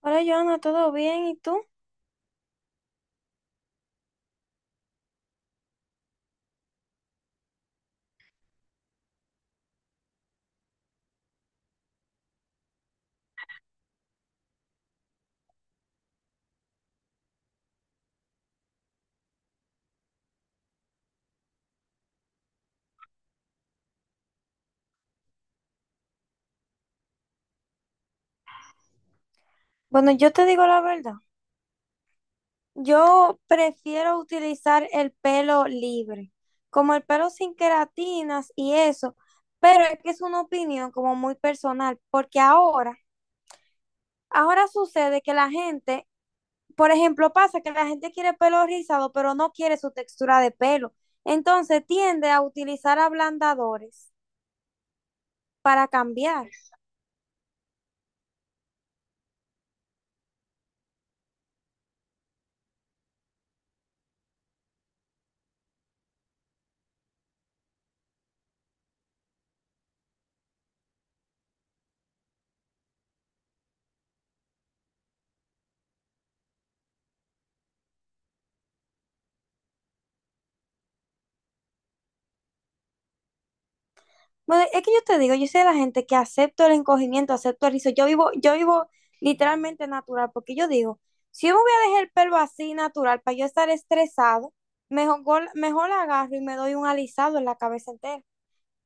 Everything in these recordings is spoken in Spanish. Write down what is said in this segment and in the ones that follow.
Hola, Joana, ¿todo bien? ¿Y tú? Bueno, yo te digo la verdad. Yo prefiero utilizar el pelo libre, como el pelo sin queratinas y eso, pero es que es una opinión como muy personal, porque ahora, ahora sucede que la gente, por ejemplo, pasa que la gente quiere pelo rizado, pero no quiere su textura de pelo. Entonces tiende a utilizar ablandadores para cambiar. Bueno, es que yo te digo, yo soy de la gente que acepto el encogimiento, acepto el rizo. Yo vivo literalmente natural, porque yo digo, si yo me voy a dejar el pelo así natural para yo estar estresado, mejor, mejor la agarro y me doy un alisado en la cabeza entera.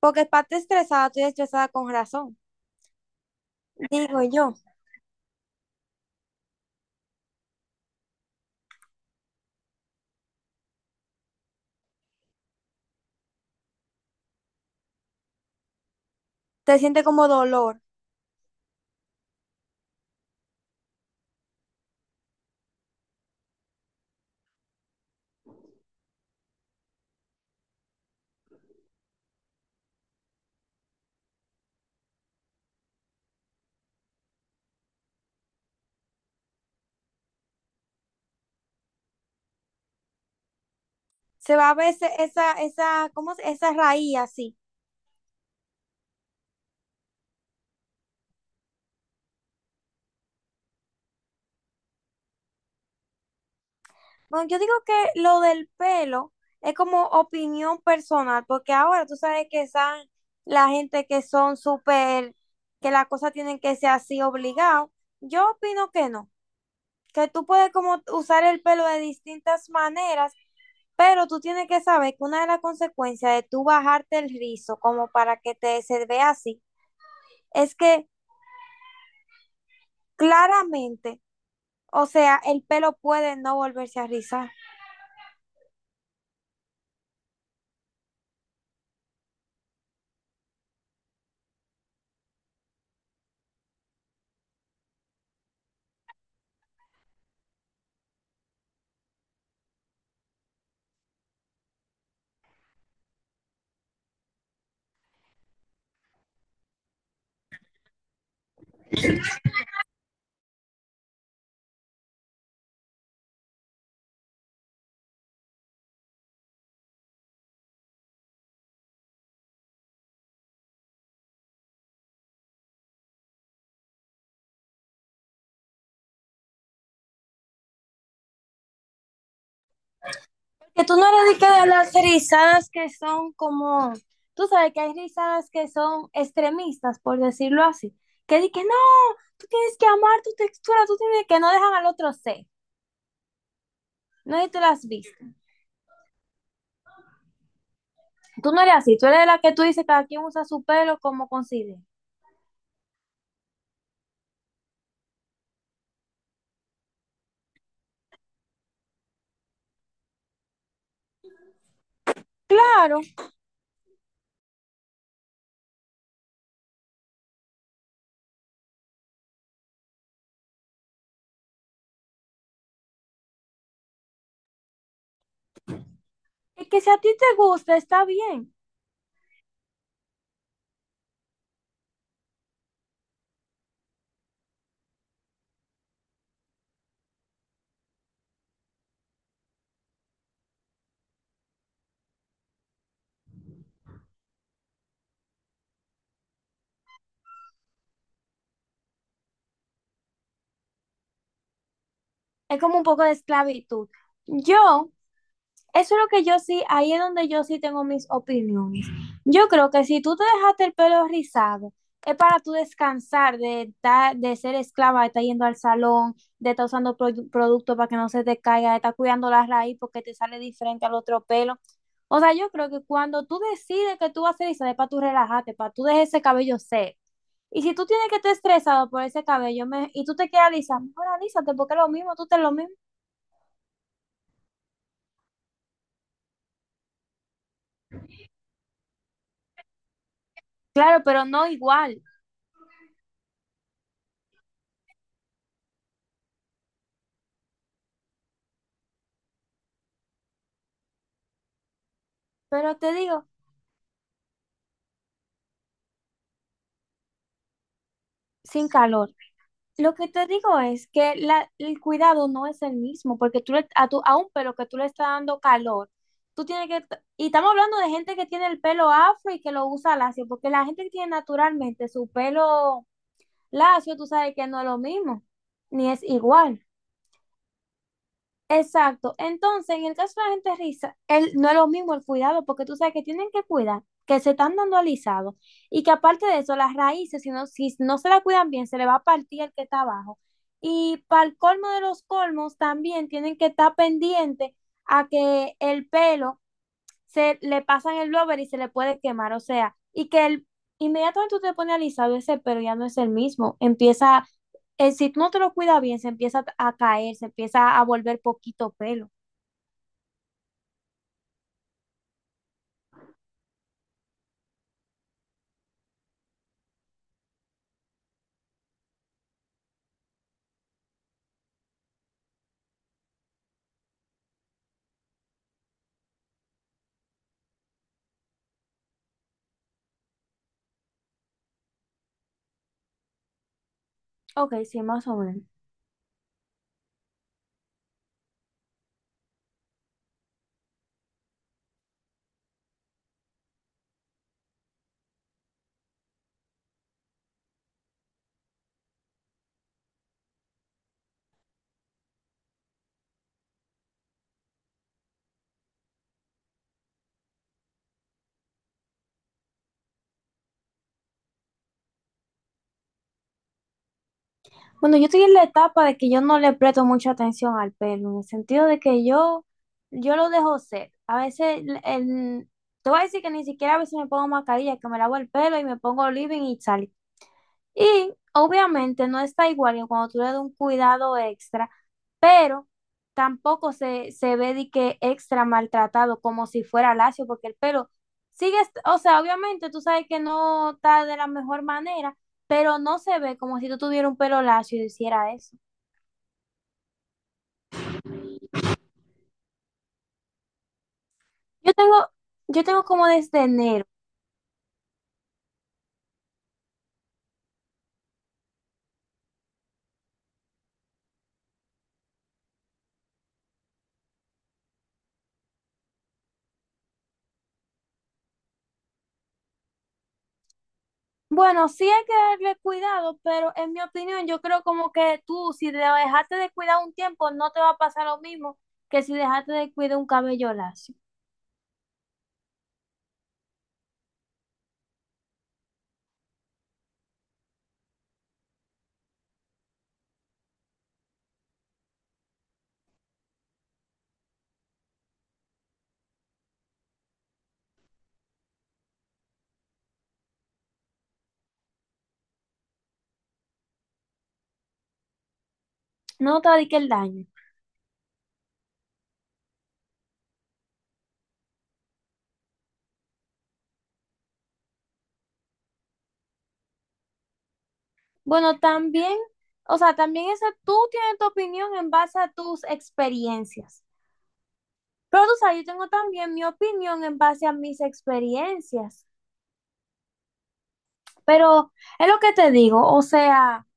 Porque para estar estresada, estoy estresada con razón. Digo yo, te siente como dolor. Se va a ver ese- esa, ¿cómo? Se- Esa raíz así. Bueno, yo digo que lo del pelo es como opinión personal, porque ahora tú sabes que están la gente que son súper, que las cosas tienen que ser así obligado. Yo opino que no, que tú puedes como usar el pelo de distintas maneras, pero tú tienes que saber que una de las consecuencias de tú bajarte el rizo como para que te se vea así, es que claramente, o sea, el pelo puede no volverse a rizar. Que tú no eres de que de las rizadas que son como, tú sabes que hay rizadas que son extremistas, por decirlo así, que di que no, tú tienes que amar tu textura, tú tienes que no dejan al otro ser. No sé si tú las has visto. Tú no eres así, tú eres la que tú dices, cada quien usa su pelo como considere. Claro, es que si a ti te gusta, está bien. Es como un poco de esclavitud. Yo. Eso es lo que yo sí, ahí es donde yo sí tengo mis opiniones. Yo creo que si tú te dejaste el pelo rizado, es para tú descansar de, de ser esclava, de estar yendo al salón, de estar usando productos para que no se te caiga, de estar cuidando la raíz porque te sale diferente al otro pelo. O sea, yo creo que cuando tú decides que tú vas a hacer rizado, es para tú relajarte, para tú dejar ese cabello seco. Y si tú tienes que estar estresado por ese cabello y tú te quieres alisar, mejor alísate porque es lo mismo, tú te lo mismo. Claro, pero no igual. Pero te digo, sin calor. Lo que te digo es que el cuidado no es el mismo, porque a, tu, a un pelo que tú le estás dando calor, tú tienes que, y estamos hablando de gente que tiene el pelo afro y que lo usa lacio, porque la gente que tiene naturalmente su pelo lacio, tú sabes que no es lo mismo, ni es igual. Exacto. Entonces, en el caso de la gente riza, el, no es lo mismo el cuidado, porque tú sabes que tienen que cuidar, que se están dando alisados y que aparte de eso, las raíces, si no, si no se la cuidan bien, se le va a partir el que está abajo. Y para el colmo de los colmos, también tienen que estar pendientes a que el pelo se le pasan el blower y se le puede quemar. O sea, y que el, inmediatamente tú te pones alisado, ese pelo ya no es el mismo. Empieza si tú no te lo cuidas bien, se empieza a caer, se empieza a volver poquito pelo. Ok, sí, más o menos. Bueno, yo estoy en la etapa de que yo no le presto mucha atención al pelo, en el sentido de que yo lo dejo ser. A veces, te voy a decir que ni siquiera a veces me pongo mascarilla, que me lavo el pelo y me pongo living y sal. Y obviamente no está igual que cuando tú le das un cuidado extra, pero tampoco se, se ve de que extra maltratado como si fuera lacio, porque el pelo o sea, obviamente tú sabes que no está de la mejor manera, pero no se ve como si tú tuvieras un pelo lacio y hiciera eso. Yo tengo, yo tengo como desde enero. Bueno, sí hay que darle cuidado, pero en mi opinión, yo creo como que tú, si te dejaste de cuidar un tiempo, no te va a pasar lo mismo que si dejaste de cuidar un cabello lacio. No te va a dedicar el daño. Bueno, también, o sea, también esa tú tienes tu opinión en base a tus experiencias. Pero tú sabes, yo tengo también mi opinión en base a mis experiencias. Pero es lo que te digo, o sea,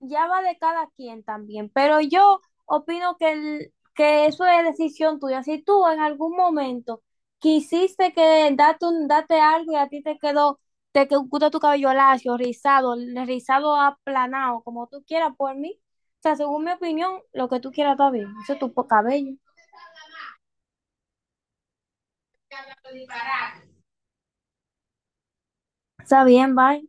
ya va de cada quien también, pero yo opino que, que eso es decisión tuya. Si tú en algún momento quisiste que date, un, date algo y a ti te quedó, gusta tu cabello lacio, rizado, rizado aplanado, como tú quieras por mí, o sea, según mi opinión, lo que tú quieras está bien, eso es tu cabello. Está bien, bye.